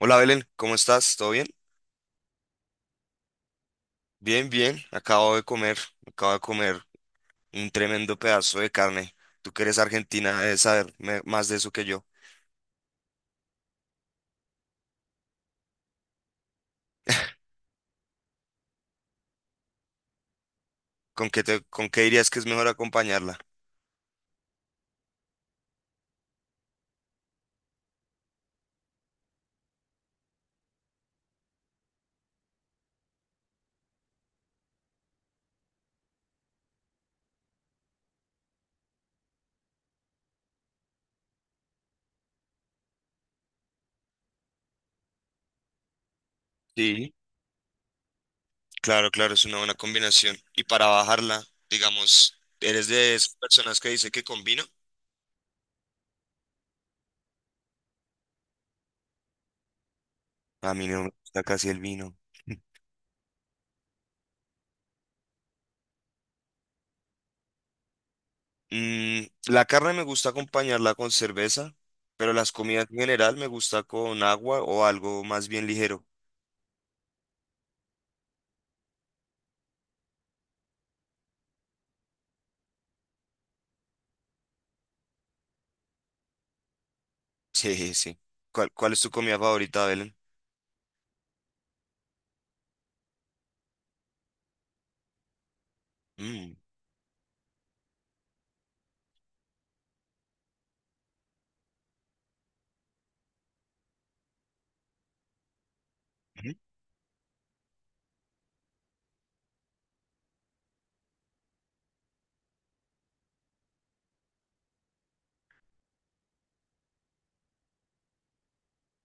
Hola Belén, ¿cómo estás? ¿Todo bien? Bien, bien. Acabo de comer un tremendo pedazo de carne. Tú que eres argentina, debes saber más de eso que yo. ¿Con qué dirías que es mejor acompañarla? Sí. Claro, claro, es una buena combinación. Y para bajarla, digamos, ¿eres de esas personas que dice que con vino? A mí no me gusta casi el vino. Mm, la carne me gusta acompañarla con cerveza, pero las comidas en general me gusta con agua o algo más bien ligero. Sí, sí. ¿Cuál es tu comida favorita, Belén? Mm. Ujú.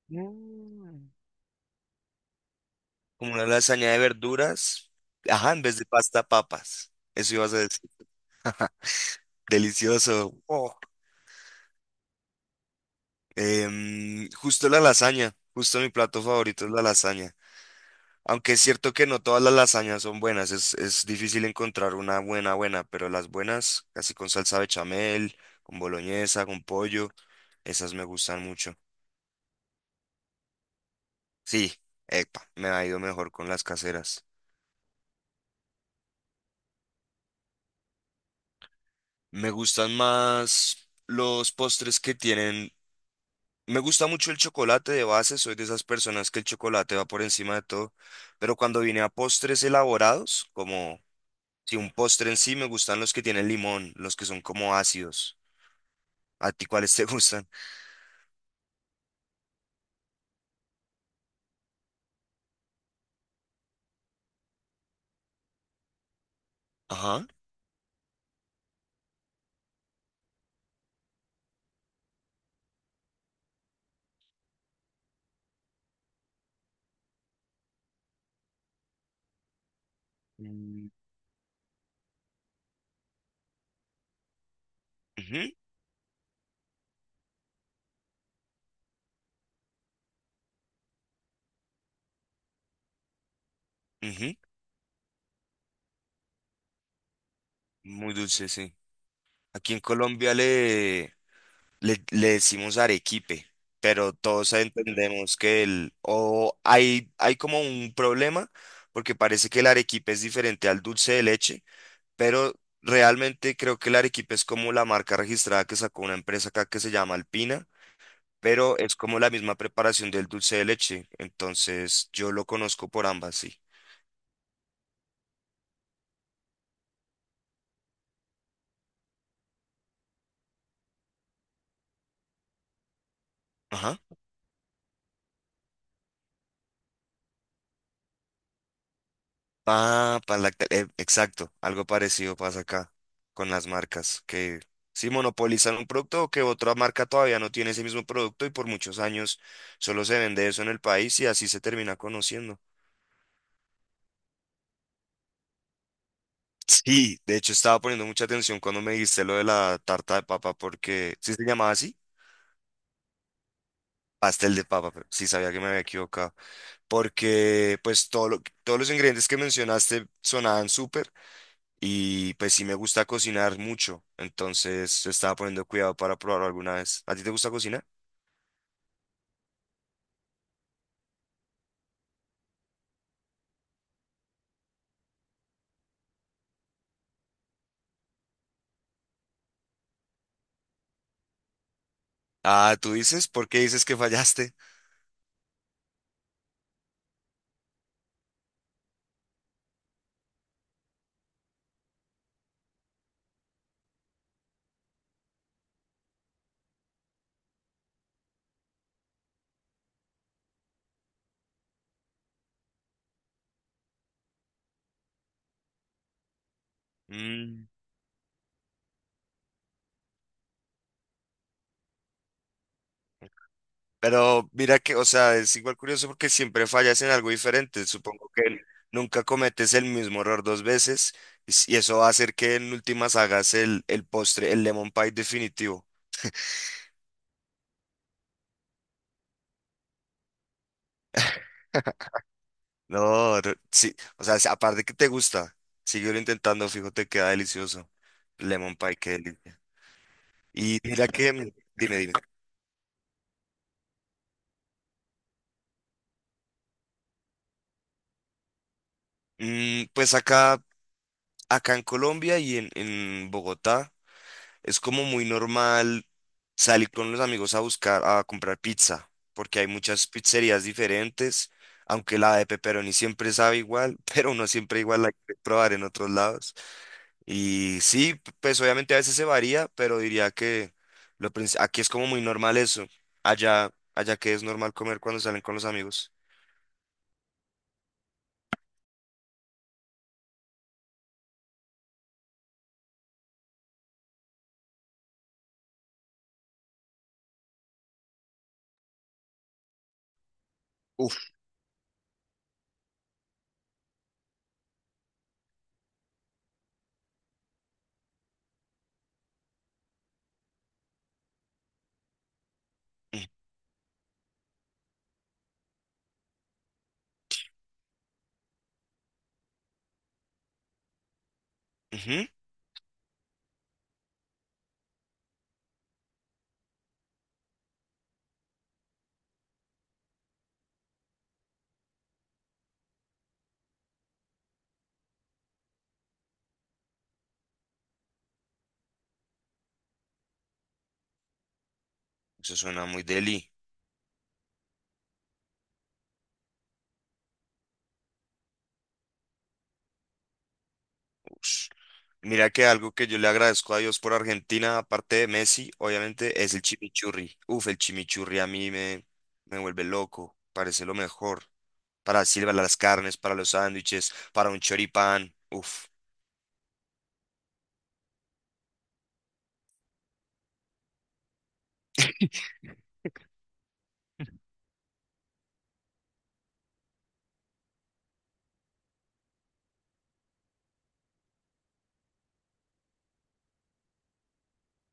Mm. Como una lasaña de verduras. Ajá, en vez de pasta, papas. Eso ibas a decir. Delicioso. Oh. Justo la lasaña. Justo mi plato favorito es la lasaña. Aunque es cierto que no todas las lasañas son buenas. Es difícil encontrar una buena, buena. Pero las buenas, casi con salsa bechamel, con boloñesa, con pollo, esas me gustan mucho. Sí, epa, me ha ido mejor con las caseras. Me gustan más los postres que tienen. Me gusta mucho el chocolate de base, soy de esas personas que el chocolate va por encima de todo, pero cuando vine a postres elaborados, como si un postre en sí, me gustan los que tienen limón, los que son como ácidos. ¿A ti cuáles te gustan? Ajá. Mm. Ujú, ujú. Muy dulce, sí. Aquí en Colombia le decimos arequipe, pero todos entendemos que el, o hay como un problema, porque parece que el arequipe es diferente al dulce de leche, pero realmente creo que el arequipe es como la marca registrada que sacó una empresa acá que se llama Alpina, pero es como la misma preparación del dulce de leche, entonces yo lo conozco por ambas, sí. Ah, exacto, algo parecido pasa acá con las marcas, que si monopolizan un producto o que otra marca todavía no tiene ese mismo producto y por muchos años solo se vende eso en el país y así se termina conociendo. Sí, de hecho estaba poniendo mucha atención cuando me dijiste lo de la tarta de papa porque sí se llamaba así, pastel de papa, pero sí sabía que me había equivocado, porque pues todos los ingredientes que mencionaste sonaban súper. Y pues sí me gusta cocinar mucho, entonces estaba poniendo cuidado para probarlo alguna vez. ¿A ti te gusta cocinar? Ah, tú dices, ¿por qué dices que fallaste? Mm. Pero mira que, o sea, es igual curioso porque siempre fallas en algo diferente. Supongo que nunca cometes el mismo error dos veces y y eso va a hacer que en últimas hagas el postre, el lemon pie definitivo. No, sí, o sea, aparte que te gusta, síguelo intentando, fijo, te queda delicioso. Lemon pie, qué delicia. Y mira que, dime, dime. Mm, pues acá, Acá en Colombia y en Bogotá es como muy normal salir con los amigos a buscar, a comprar pizza, porque hay muchas pizzerías diferentes, aunque la de pepperoni siempre sabe igual, pero uno siempre igual la quiere probar en otros lados. Y sí, pues obviamente a veces se varía, pero diría que aquí es como muy normal eso. Allá, allá que es normal comer cuando salen con los amigos. Uf. Mm, ujú, Eso suena muy deli. Mira que algo que yo le agradezco a Dios por Argentina, aparte de Messi, obviamente es el chimichurri. Uf, el chimichurri me vuelve loco, parece lo mejor. Para silbar las carnes, para los sándwiches, para un choripán. Uf,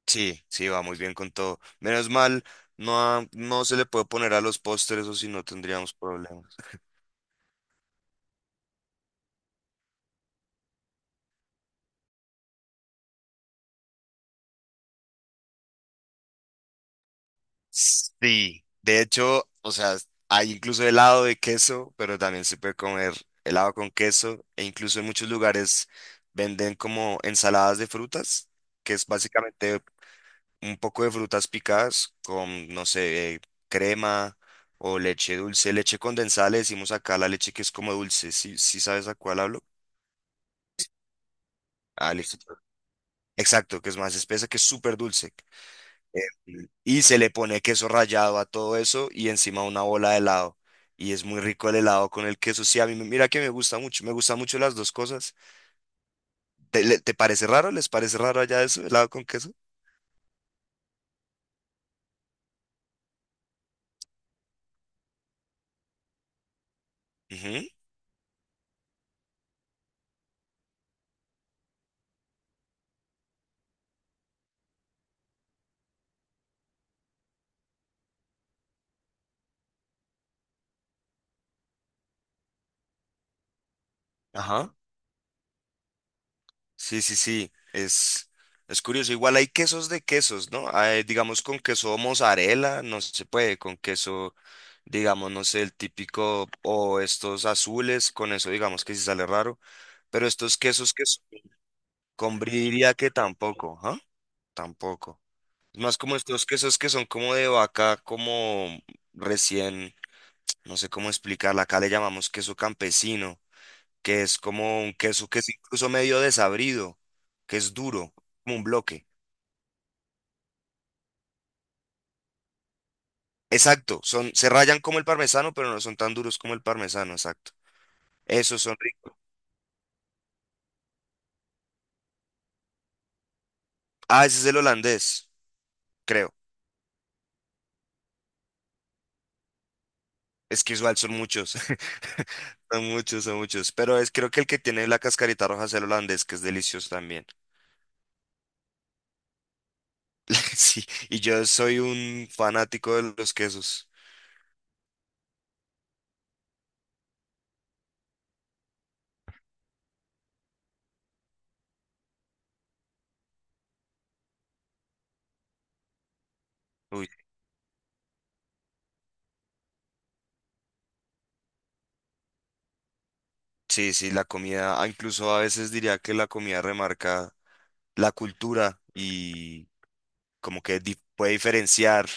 sí, sí, va muy bien con todo. Menos mal, no, no se le puede poner a los postres o si no tendríamos problemas. Sí, de hecho, o sea, hay incluso helado de queso, pero también se puede comer helado con queso e incluso en muchos lugares venden como ensaladas de frutas, que es básicamente un poco de frutas picadas con, no sé, crema o leche dulce, leche condensada, le decimos acá la leche que es como dulce, ¿sí, sí sabes a cuál hablo? Ah, listo. Exacto, que es más espesa, que es súper dulce. Y se le pone queso rallado a todo eso y encima una bola de helado. Y es muy rico el helado con el queso. Sí, mira que me gusta mucho, me gustan mucho las dos cosas. ¿Te, te parece raro? ¿Les parece raro allá eso, helado con queso? Ujú. Ajá. Sí, sí, sí. Es curioso. Igual hay quesos de quesos, ¿no? Hay, digamos con queso mozzarella, no se puede, con queso, digamos, no sé, el típico o estos azules, con eso digamos que sí sale raro. Pero estos quesos que con brie diría que tampoco, ¿ah? Tampoco. Es más como estos quesos que son como de vaca, como recién, no sé cómo explicarla, acá le llamamos queso campesino, que es como un queso que es incluso medio desabrido, que es duro, como un bloque. Exacto, son, se rayan como el parmesano, pero no son tan duros como el parmesano, exacto. Esos son ricos. Ah, ese es el holandés, creo. Es que igual son muchos. Son muchos, son muchos. Pero es creo que el que tiene la cascarita roja es el holandés, que es delicioso también. Sí, y yo soy un fanático de los quesos. Uy, sí, sí, la comida, ah, incluso a veces diría que la comida remarca la cultura y como que puede diferenciar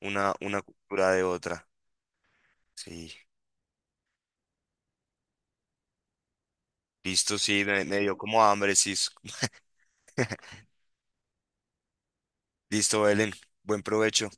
una cultura de otra. Sí, listo, sí, me dio como hambre, sí. Listo, Belén, buen provecho.